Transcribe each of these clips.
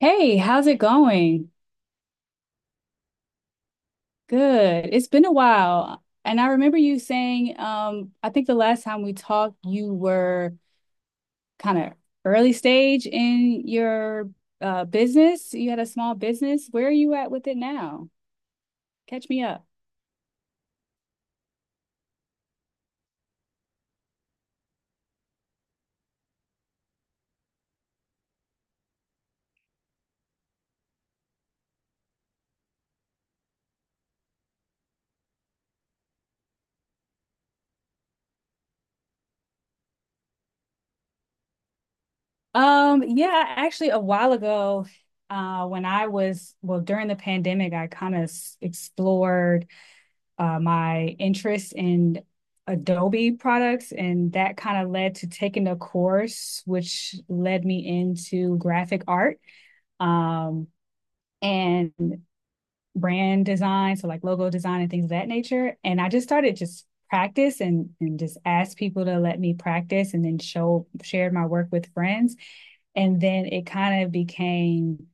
Hey, how's it going? Good. It's been a while. And I remember you saying, I think the last time we talked, you were kind of early stage in your business. You had a small business. Where are you at with it now? Catch me up. Yeah, actually, a while ago, when during the pandemic, I kind of explored. My interest in Adobe products, and that kind of led to taking a course, which led me into graphic art um, and brand design, so like logo design and things of that nature. And I just started just practice and just asked people to let me practice, and then show shared my work with friends, and then it kind of became,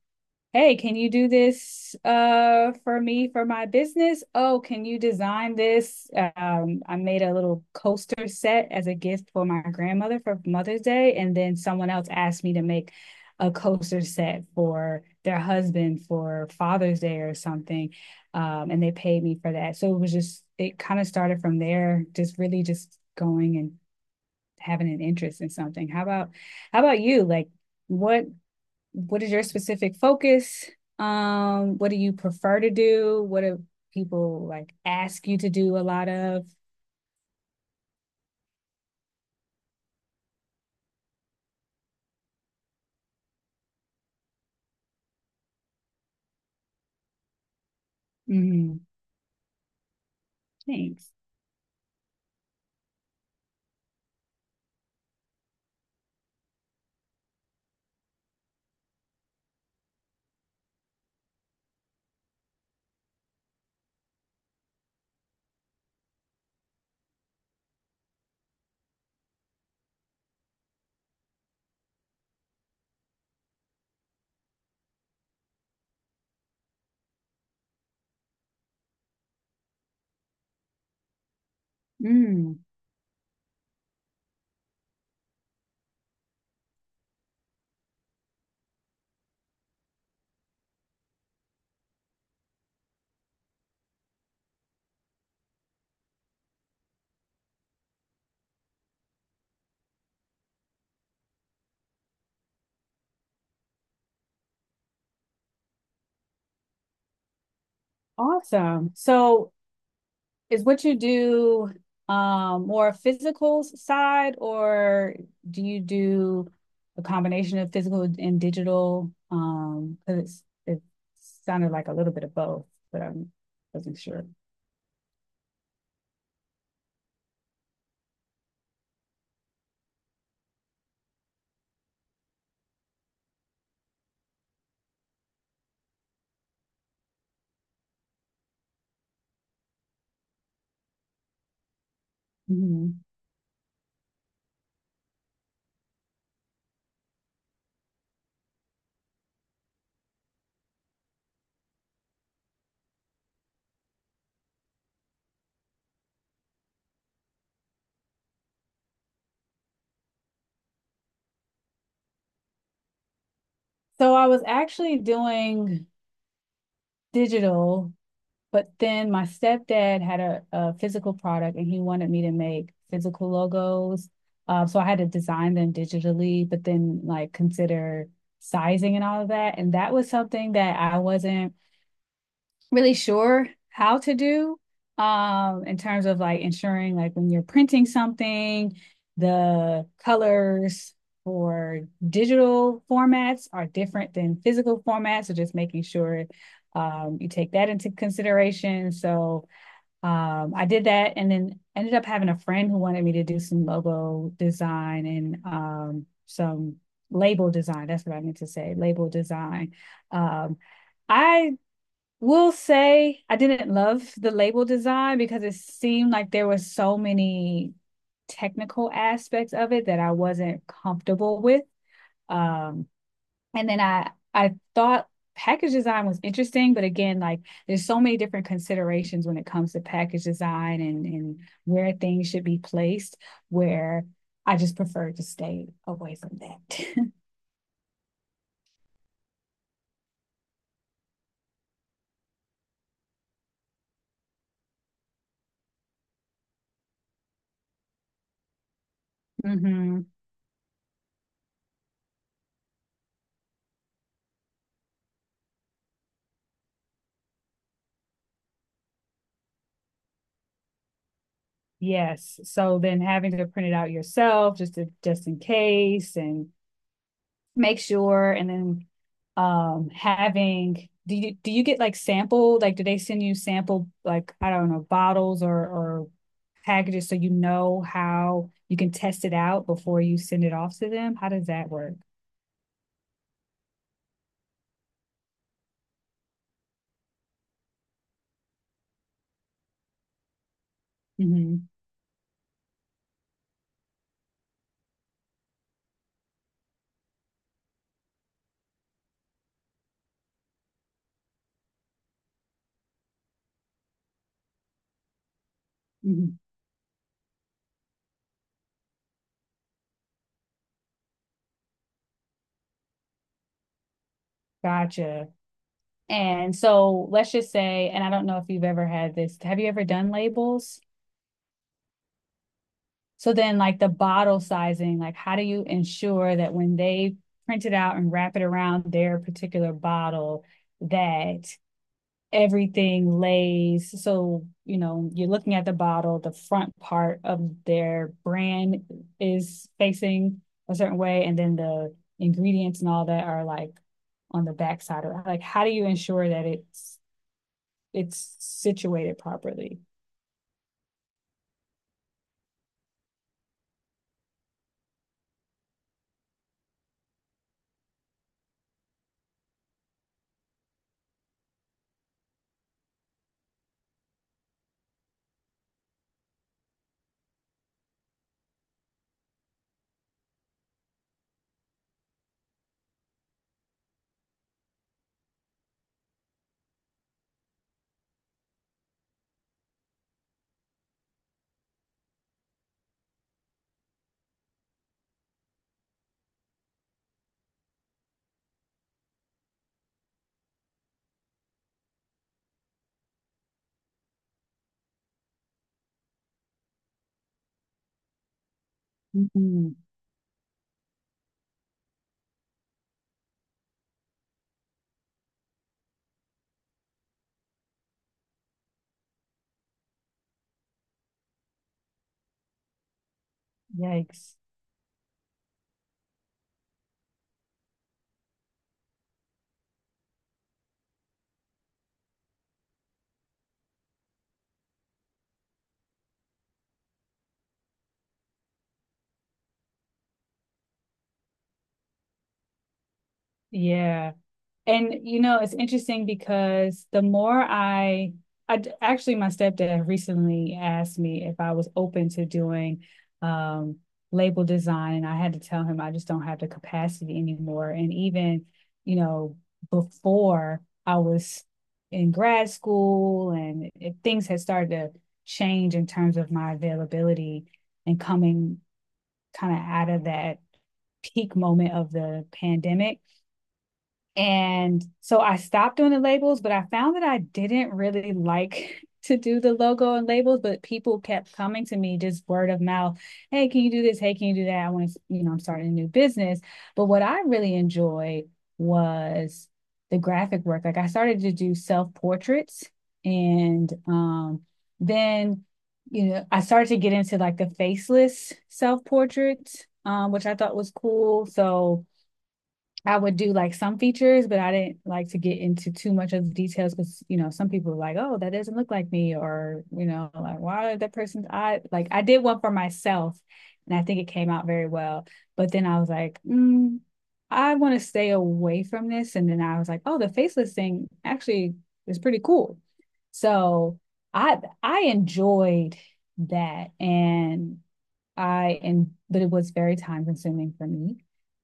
hey, can you do this for me for my business? Oh, can you design this? I made a little coaster set as a gift for my grandmother for Mother's Day, and then someone else asked me to make a coaster set for their husband for Father's Day or something. And they paid me for that. So it was just it kind of started from there, just really just going and having an interest in something. How about you? Like what what is your specific focus? What do you prefer to do? What do people like ask you to do a lot of? Mm, thanks. Mm, awesome. So is what you do more physical side or do you do a combination of physical and digital? Because it sounded like a little bit of both, but I wasn't sure. Mhm. So I was actually doing digital, but then my stepdad had a physical product and he wanted me to make physical logos. So I had to design them digitally, but then like consider sizing and all of that. And that was something that I wasn't really sure how to do, in terms of like ensuring like when you're printing something, the colors for digital formats are different than physical formats. So just making sure, you take that into consideration. So, I did that and then ended up having a friend who wanted me to do some logo design and, some label design. That's what I meant to say, label design. Um, I will say I didn't love the label design because it seemed like there were so many technical aspects of it that I wasn't comfortable with. Um, and then I thought package design was interesting, but again, like there's so many different considerations when it comes to package design and where things should be placed, where I just prefer to stay away from that. hmm. Yes. So then having to print it out yourself just to, just in case and make sure and then having, do you get like sample, like do they send you sample, like I don't know, bottles or packages so you know how you can test it out before you send it off to them? How does that work? Hmm. Hmm. Gotcha. And so let's just say, and I don't know if you've ever had this. Have you ever done labels? So then like the bottle sizing, like how do you ensure that when they print it out and wrap it around their particular bottle that everything lays so you know you're looking at the bottle, the front part of their brand is facing a certain way, and then the ingredients and all that are like on the back side of it, like how do you ensure that it's situated properly? Mm-hmm. Yikes. Yeah. And you know, it's interesting because the more I actually my stepdad recently asked me if I was open to doing um label design, and I had to tell him I just don't have the capacity anymore. And even, you know, before I was in grad school and if things had started to change in terms of my availability and coming kind of out of that peak moment of the pandemic, and so I stopped doing the labels, but I found that I didn't really like to do the logo and labels, but people kept coming to me just word of mouth. Hey, can you do this? Hey, can you do that? I want to, you know, I'm starting a new business. But what I really enjoyed was the graphic work. Like I started to do self portraits and, then, you know, I started to get into like the faceless self portraits, which I thought was cool. So, I would do like some features, but I didn't like to get into too much of the details because you know some people were like, "Oh, that doesn't look like me," or you know, like, "Why did that person's eye?" Like I did one for myself, and I think it came out very well. But then I was like, mm, "I want to stay away from this," and then I was like, "Oh, the faceless thing actually is pretty cool." So I enjoyed that, and I and but it was very time consuming for me.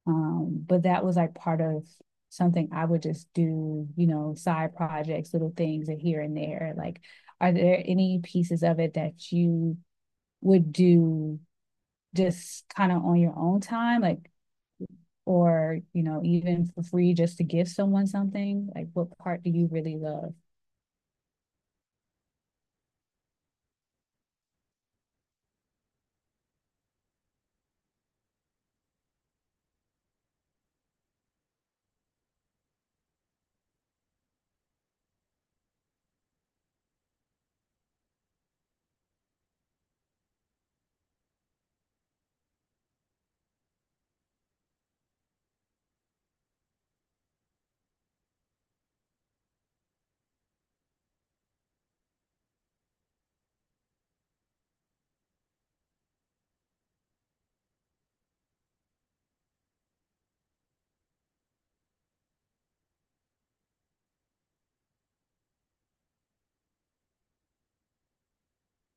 But that was like part of something I would just do, you know, side projects, little things here and there. Like, are there any pieces of it that you would do just kind of on your own time, like, or you know, even for free, just to give someone something? Like, what part do you really love?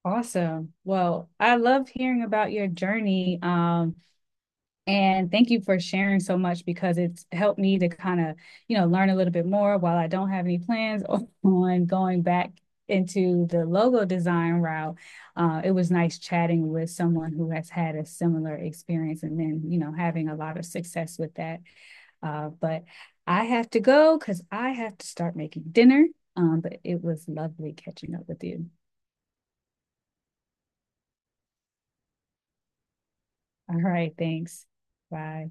Awesome. Well, I love hearing about your journey. And thank you for sharing so much because it's helped me to kind of, you know, learn a little bit more while I don't have any plans on going back into the logo design route. It was nice chatting with someone who has had a similar experience and then, you know, having a lot of success with that. But I have to go because I have to start making dinner. But it was lovely catching up with you. All right. Thanks. Bye.